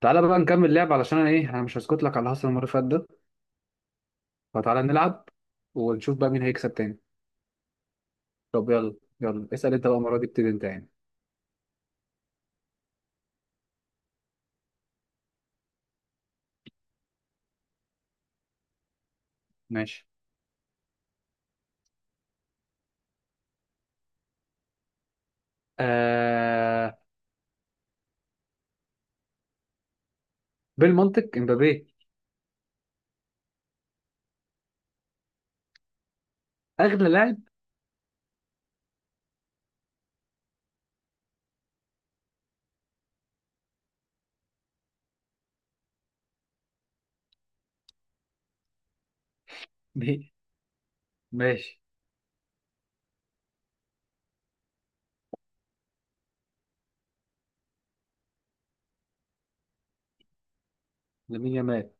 تعالى بقى نكمل لعب، علشان انا ايه، انا مش هسكت لك على اللي حصل المره اللي فاتت ده. فتعالى نلعب ونشوف بقى مين هيكسب تاني. طب يلا يلا، اسال انت بقى المره دي، ابتدي انت يعني. ماشي، آه، بالمنطق امبابي. اغلى لاعب. مي- ماشي، لامين يامال.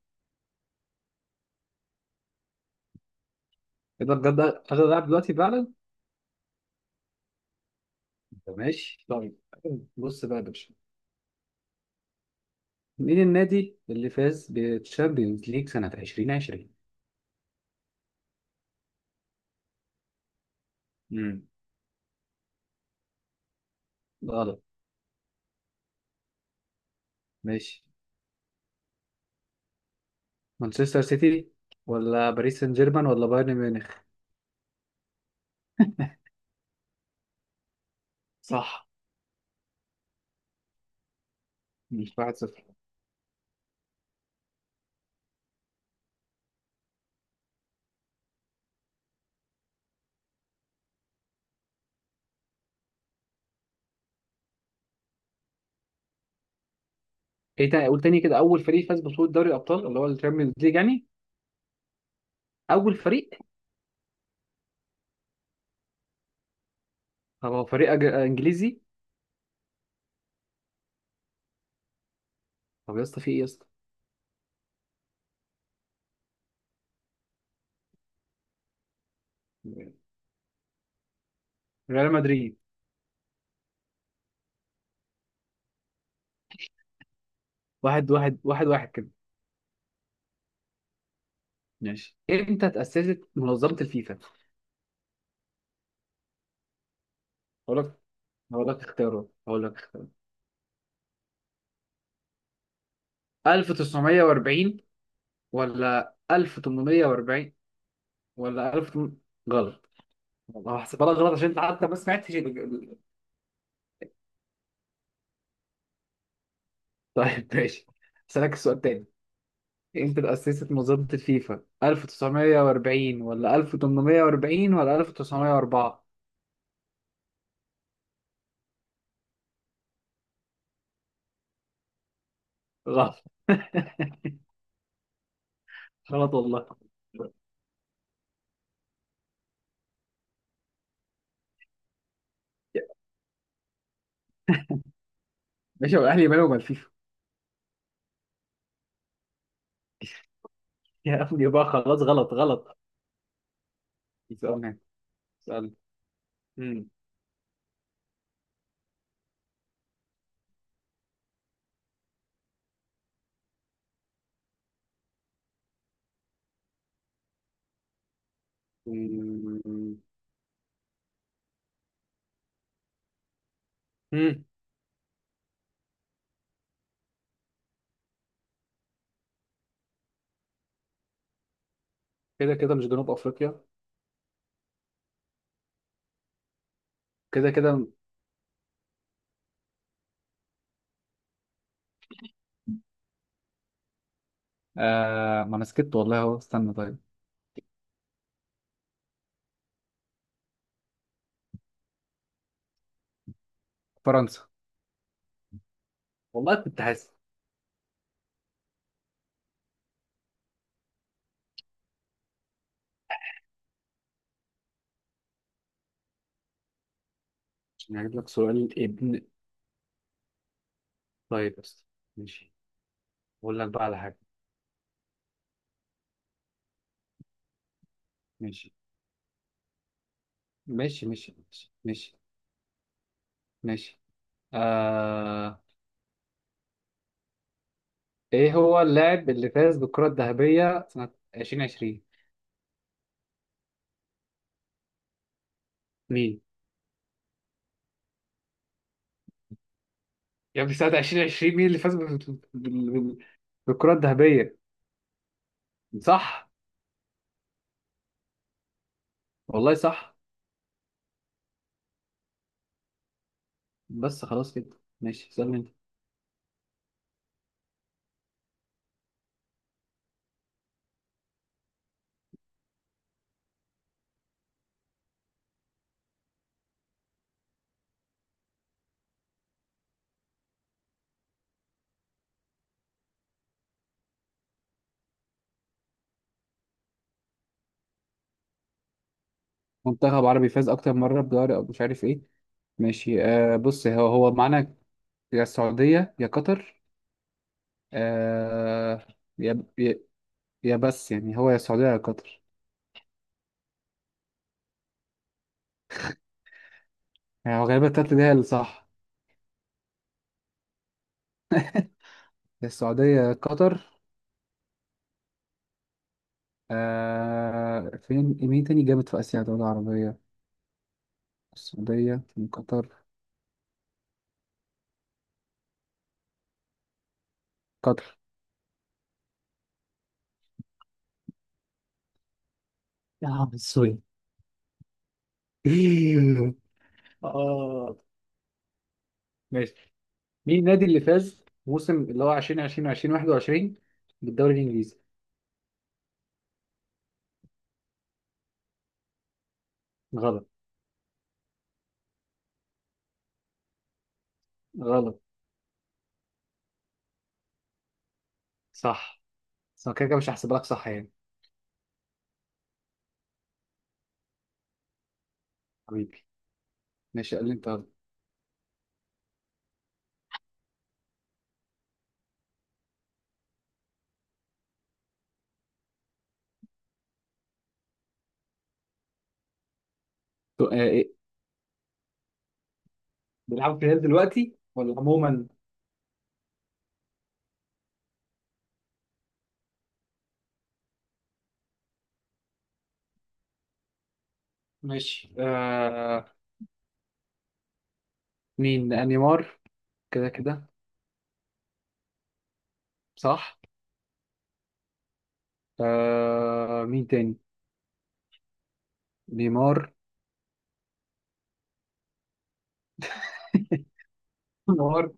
ايه ده بجد، اغلى لاعب دلوقتي فعلا. طب ماشي طيب. بص بقى يا باشا، مين النادي اللي فاز بالتشامبيونز ليج سنه 2020؟ امم غلط. ماشي، مانشستر سيتي ولا باريس سان جيرمان ولا بايرن ميونخ؟ صح. مش 1-0. ايه تاني؟ قول تاني كده، اول فريق فاز ببطولة دوري الابطال اللي هو الشامبيونز ليج يعني. اول فريق. طب هو فريق انجليزي. طب يا اسطى، في ايه يا اسطى؟ ريال مدريد. واحد واحد واحد واحد كده. ماشي، امتى اتأسست منظمة الفيفا؟ هقول لك هقول لك اختيارات، هقول لك اختيار. 1940 ولا 1840 ولا 1000؟ غلط. والله هحسبها لك غلط عشان انت حتى ما سمعتش طيب ماشي، اسالك السؤال تاني. امتى اتأسست منظمة الفيفا؟ 1940 ولا 1840 ولا 1904؟ غلط. غلط والله. ماشي، هو الاهلي مالهم الفيفا؟ يا ابني بقى خلاص، غلط غلط. سؤال، سؤال. مم. مم. مم. كده كده، مش جنوب افريقيا. كده كده. آه، ما انا سكت والله اهو، استنى. طيب، فرنسا. والله كنت حاسس. عشان هجيب لك سؤال ابن. طيب بس. ماشي، اقول لك بقى على حاجه. ماشي ماشي ماشي ماشي ماشي. ماشي. آه... ايه هو اللاعب اللي فاز بالكرة الذهبية سنة 2020؟ مين؟ يا ابني سنة 2020، مين اللي فاز بالكرة الذهبية؟ صح والله. صح. بس خلاص كده. ماشي، اسألني انت. منتخب عربي فاز أكتر مرة بدوري، أو مش عارف ايه. ماشي، آه، بص، هو هو معانا. يا السعودية يا قطر. آه. يا يا يا بس يعني، هو يا السعودية يا قطر. يعني هو غالبا التالتة دي هي اللي صح. يا السعودية يا قطر. آه، فين مين تاني جامد في آسيا دولة عربية؟ السعودية من قطر. قطر. يا عم سوري. اه، ماشي، مين النادي اللي فاز موسم اللي هو 2020 2021 بالدوري الإنجليزي؟ غلط. غلط. صح. بس أنا كده كده مش هحسب لك صح يعني. حبيبي. ماشي، قال لي أنت غلط. إيه؟ بيلعبوا في الهلال دلوقتي ولا عموما؟ ماشي، آه، مين؟ آه، نيمار. كده كده. صح. آه، مين تاني؟ نيمار. نهار.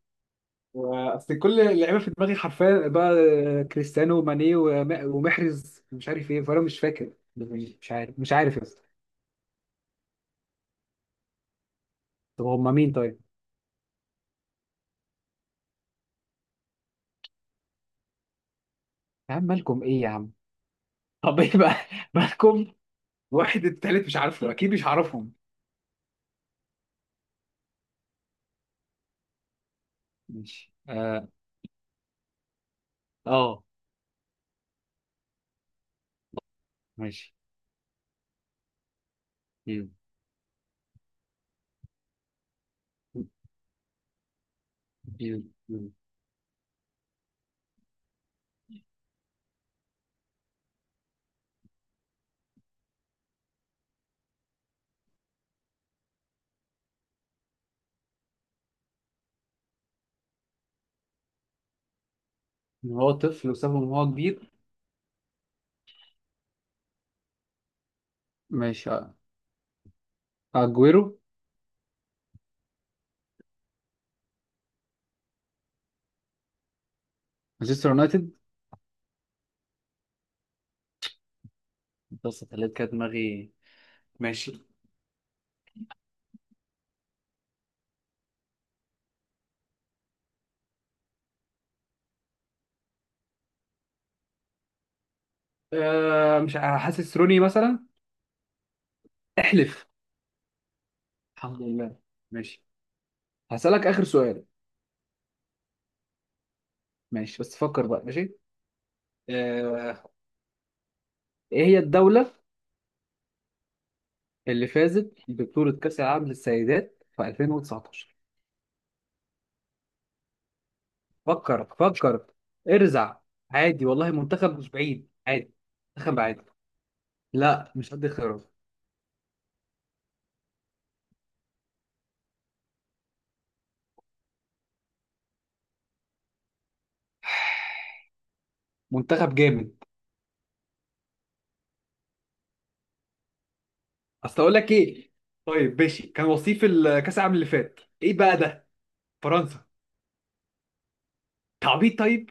اصل كل اللعيبه في دماغي حرفيا بقى. كريستيانو وماني ومحرز، مش عارف ايه، فانا مش فاكر، مش عارف، مش عارف يا اسطى. طب هم مين طيب؟ يا عم مالكم ايه يا عم؟ طب ايه بقى؟ مالكم. واحد التالت مش عارفه، اكيد مش عارفهم. ماشي. اه، آه، ماشي. مم. مم. مم. ان هو طفل وسابهم وهو كبير. ماشي، آه. اجويرو. مانشستر يونايتد. بص، خليت كده دماغي. ماشي، آه، مش عارف، حاسس روني مثلا. احلف. الحمد لله. ماشي، هسألك آخر سؤال. ماشي بس، فكر بقى. ماشي. آه... إيه هي الدولة اللي فازت ببطولة كأس العالم للسيدات في 2019؟ فكر فكر. ارزع. عادي والله، منتخب مش بعيد عادي. منتخب عادي. لا مش قد خيارات. منتخب جامد. اصل اقول لك ايه. طيب ماشي، كان وصيف الكاس العالم اللي فات ايه بقى ده؟ فرنسا. تعبيط طيب.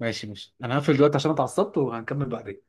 ماشي ماشي، انا هقفل دلوقتي عشان اتعصبت وهنكمل بعدين.